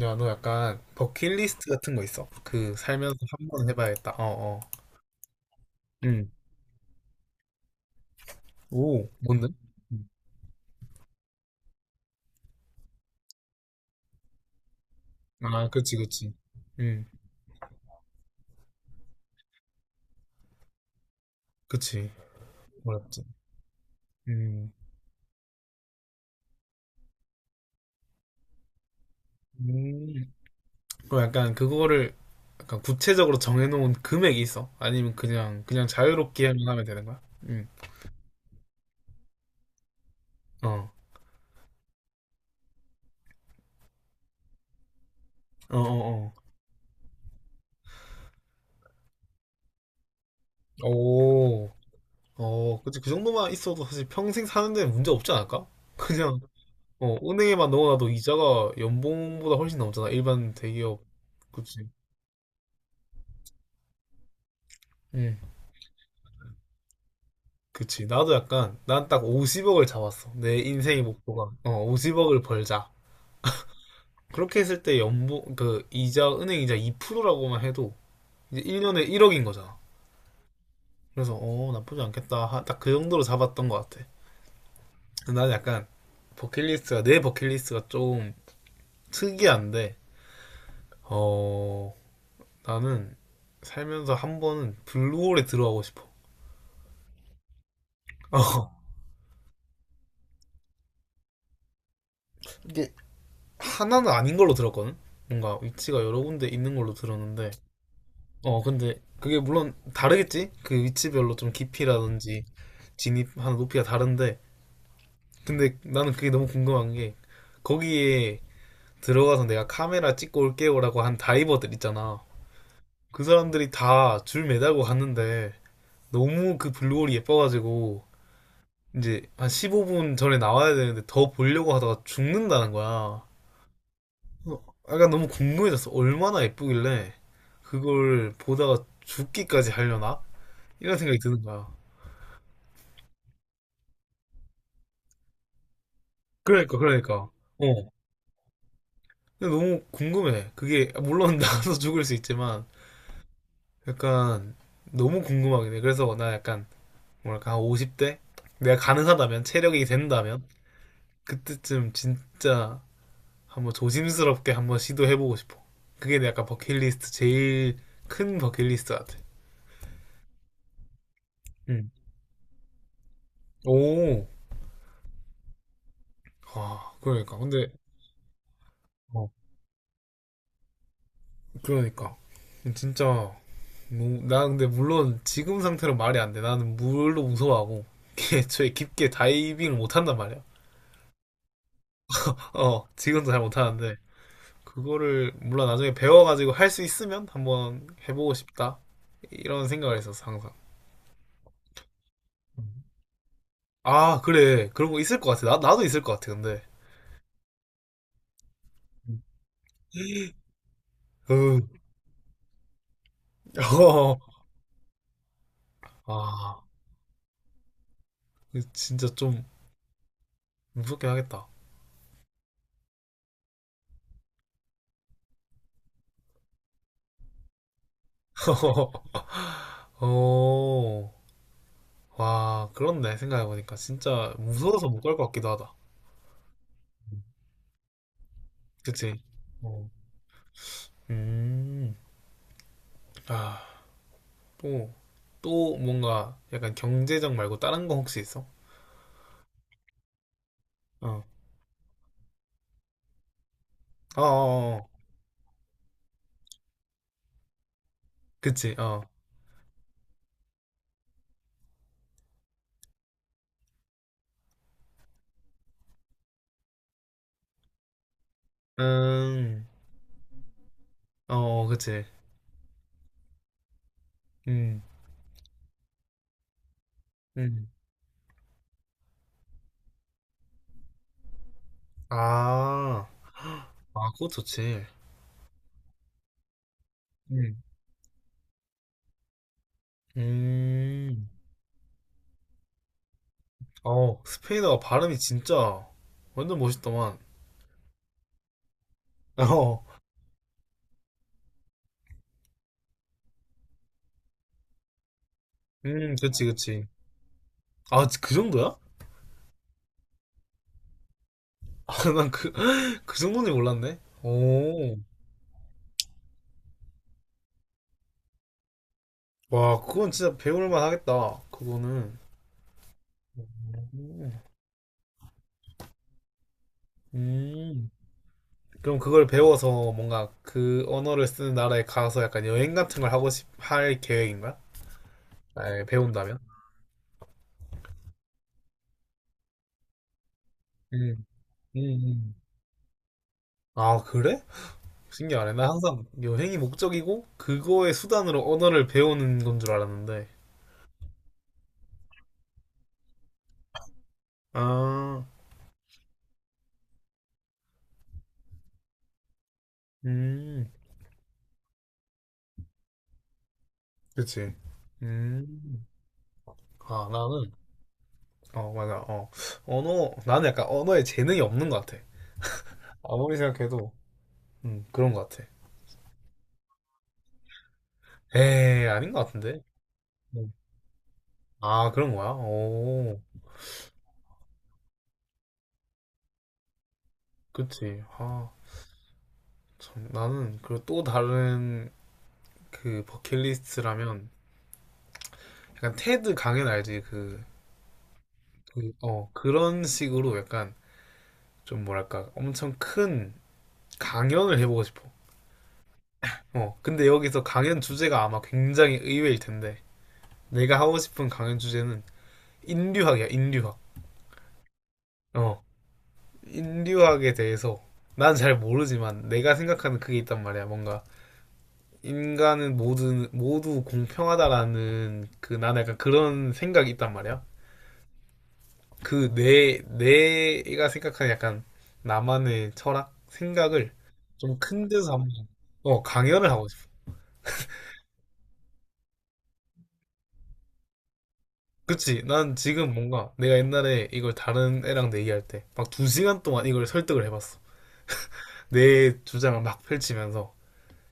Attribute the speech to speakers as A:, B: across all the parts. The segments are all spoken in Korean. A: 야, 너 약간 버킷리스트 같은 거 있어? 그 살면서 한번 해봐야겠다. 어, 어. 응. 오, 뭔데? 응. 아, 그치, 그치. 응, 그치. 어렵지. 음. 음. 그럼 약간 그거를 약간 구체적으로 정해놓은 금액이 있어? 아니면 그냥 자유롭게 하면 되는 거야? 응. 어. 어, 어, 어. 오. 어, 그치. 그 정도만 있어도 사실 평생 사는데 문제 없지 않을까? 그냥 어, 은행에만 넣어놔도 이자가 연봉보다 훨씬 넘잖아. 일반 대기업. 그치. 응. 그치. 나도 약간, 난 딱 50억을 잡았어. 내 인생의 목표가. 어, 50억을 벌자. 그렇게 했을 때 연봉, 그, 이자, 은행 이자 2%라고만 해도 이제 1년에 1억인 거잖아. 그래서, 어, 나쁘지 않겠다. 딱 그 정도로 잡았던 것 같아. 나는 약간, 내 버킷리스트가 좀 특이한데, 어, 나는 살면서 한 번은 블루홀에 들어가고 싶어. 어. 이게 하나는 아닌 걸로 들었거든. 뭔가 위치가 여러 군데 있는 걸로 들었는데, 어, 근데 그게 물론 다르겠지? 그 위치별로 좀 깊이라든지 진입하는 높이가 다른데, 근데 나는 그게 너무 궁금한 게, 거기에 들어가서 내가 카메라 찍고 올게요라고 한 다이버들 있잖아. 그 사람들이 다 줄 매달고 갔는데, 너무 그 블루홀이 예뻐가지고, 이제 한 15분 전에 나와야 되는데 더 보려고 하다가 죽는다는 거야. 약간 너무 궁금해졌어. 얼마나 예쁘길래 그걸 보다가 죽기까지 하려나? 이런 생각이 드는 거야. 그러니까, 그러니까. 어. 근데 너무 궁금해. 그게, 물론 나도 죽을 수 있지만, 약간 너무 궁금하긴 해. 그래서 나 약간, 뭐랄까, 한 50대? 내가 가능하다면, 체력이 된다면, 그때쯤 진짜 한번 조심스럽게 한번 시도해보고 싶어. 그게 내 약간 버킷리스트, 제일 큰 버킷리스트 같아. 응. 오. 아, 그러니까. 근데, 어. 그러니까 진짜 뭐, 나 근데 물론 지금 상태로 말이 안 돼. 나는 물로 무서워하고 애초에 깊게 다이빙을 못 한단 말이야. 어, 지금도 잘 못 하는데 그거를 물론 나중에 배워가지고 할 수 있으면 한번 해보고 싶다. 이런 생각을 했었어 항상. 음. 아 그래 그런 거 있을 것 같아. 나 나도 있을 것 같아 근데. 음. 음. 어, 아 진짜 좀 무섭긴 하겠다. 어. 와, 그렇네. 생각해보니까. 진짜 무서워서 못 갈 것 같기도 하다. 그치? 어. 음. 아, 또, 또 뭔가 약간 경제적 말고 다른 거 혹시 있어? 어. 어, 어, 어. 어. 그치, 어. 음, 어, 어, 그치. 음, 음. 아, 아, 그거 좋지. 음, 음. 어, 스페인어 발음이 진짜 완전 멋있더만. 어, 그치, 그치. 아, 그 정도야? 난 그 정도는 몰랐네. 오. 와, 그건 진짜 배울만 하겠다. 그거는. 음. 음. 그럼 그걸 배워서 뭔가 그 언어를 쓰는 나라에 가서 약간 여행 같은 걸 할 계획인 거야? 만약에 배운다면? 음. 음. 음. 아, 그래? 신기하네. 나 항상 여행이 목적이고 그거의 수단으로 언어를 배우는 건 줄 알았는데. 아, 음, 그치. 음, 아, 나는 어, 맞아. 어. 언어, 나는 약간 언어에 재능이 없는 것 같아. 아무리 생각해도, 그런 것 같아. 에이, 아닌 것 같은데? 음. 아, 그런 거야? 오, 그치. 아, 참, 나는, 그 또 다른, 그, 버킷리스트라면, 약간 테드 강연 알지? 그런 식으로 약간, 좀 뭐랄까, 엄청 큰 강연을 해보고 싶어. 어, 근데 여기서 강연 주제가 아마 굉장히 의외일 텐데, 내가 하고 싶은 강연 주제는 인류학이야, 인류학. 어. 인류학에 대해서 난 잘 모르지만 내가 생각하는 그게 있단 말이야. 뭔가 인간은 모두 모두 공평하다라는 그 나는 약간 그런 생각이 있단 말이야. 그 내 내가 생각하는 약간 나만의 철학 생각을 좀 큰 데서 한번 강연을 하고 싶어. 그치? 난 지금 뭔가 내가 옛날에 이걸 다른 애랑 얘기할 때 막 2시간 동안 이걸 설득을 해봤어. 내 주장을 막 펼치면서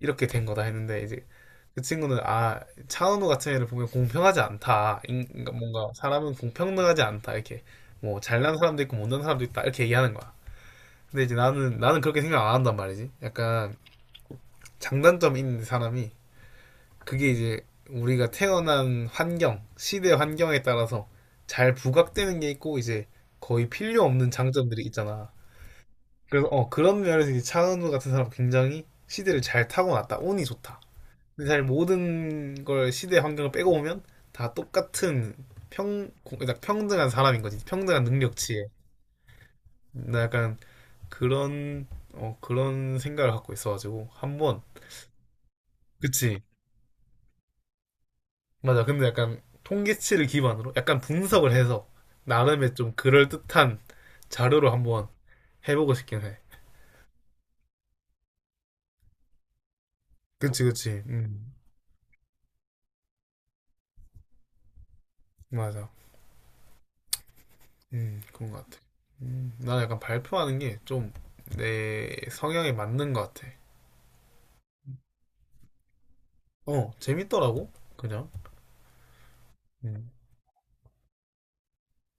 A: 이렇게 된 거다 했는데 이제 그 친구는 아 차은우 같은 애를 보면 공평하지 않다 그러니까 뭔가 사람은 공평하지 않다 이렇게 뭐 잘난 사람도 있고 못난 사람도 있다 이렇게 얘기하는 거야. 근데 이제 나는 그렇게 생각 안 한단 말이지. 약간 장단점 있는 사람이 그게 이제 우리가 태어난 환경 시대 환경에 따라서 잘 부각되는 게 있고 이제 거의 필요 없는 장점들이 있잖아. 그래서 그런 면에서 이제 차은우 같은 사람 굉장히 시대를 잘 타고났다 운이 좋다. 근데 사실 모든 걸 시대 환경을 빼고 보면 다 똑같은 그러니까 평등한 사람인 거지. 평등한 능력치에. 나 약간 그런, 그런 생각을 갖고 있어가지고. 한번, 그치. 맞아. 근데 약간 통계치를 기반으로 약간 분석을 해서 나름의 좀 그럴듯한 자료로 한번 해보고 싶긴 해. 그치, 그치. 맞아. 그런 것 같아. 나는 약간 발표하는 게 좀 내 성향에 맞는 것 같아. 어, 재밌더라고, 그냥. 음.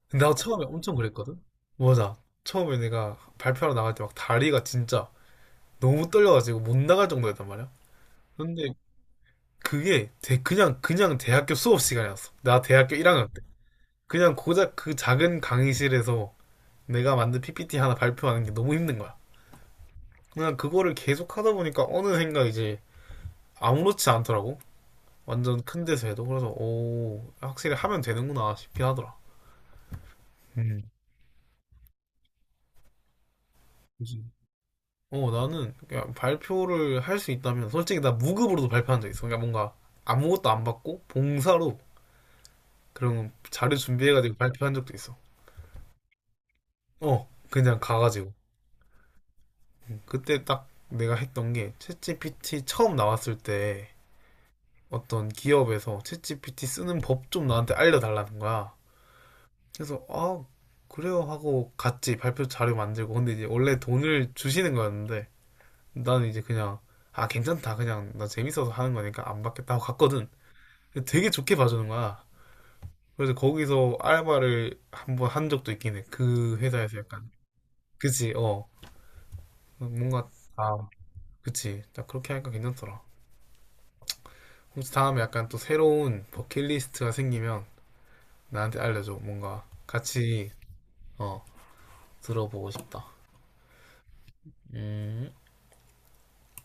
A: 근데 나 처음에 엄청 그랬거든? 맞아. 처음에 내가 발표하러 나갈 때 막 다리가 진짜 너무 떨려가지고 못 나갈 정도였단 말이야. 근데 그게 그냥 대학교 수업 시간이었어. 나 대학교 1학년 때. 그냥 고작 그 작은 강의실에서 내가 만든 PPT 하나 발표하는 게 너무 힘든 거야. 그냥 그거를 계속 하다 보니까 어느샌가 이제 아무렇지 않더라고. 완전 큰 데서 해도. 그래서, 오, 확실히 하면 되는구나 싶긴 하더라. 음. 어, 나는 그냥 발표를 할 수 있다면 솔직히 나 무급으로도 발표한 적 있어. 그러니까 뭔가 아무것도 안 받고 봉사로 그런 자료 준비해가지고 발표한 적도 있어. 어, 그냥 가가지고. 그때 딱 내가 했던 게 챗GPT 처음 나왔을 때 어떤 기업에서 챗GPT 쓰는 법 좀 나한테 알려달라는 거야. 그래서 아, 그래요 하고 같이 발표 자료 만들고 근데 이제 원래 돈을 주시는 거였는데 나는 이제 그냥 아, 괜찮다. 그냥 나 재밌어서 하는 거니까 안 받겠다 하고 갔거든. 되게 좋게 봐주는 거야. 그래서 거기서 알바를 한번 한 적도 있긴 해. 그 회사에서 약간. 그치, 어. 뭔가, 아, 그치. 딱 그렇게 하니까 괜찮더라. 혹시 다음에 약간 또 새로운 버킷리스트가 생기면 나한테 알려줘. 뭔가 같이, 어, 들어보고 싶다. 음.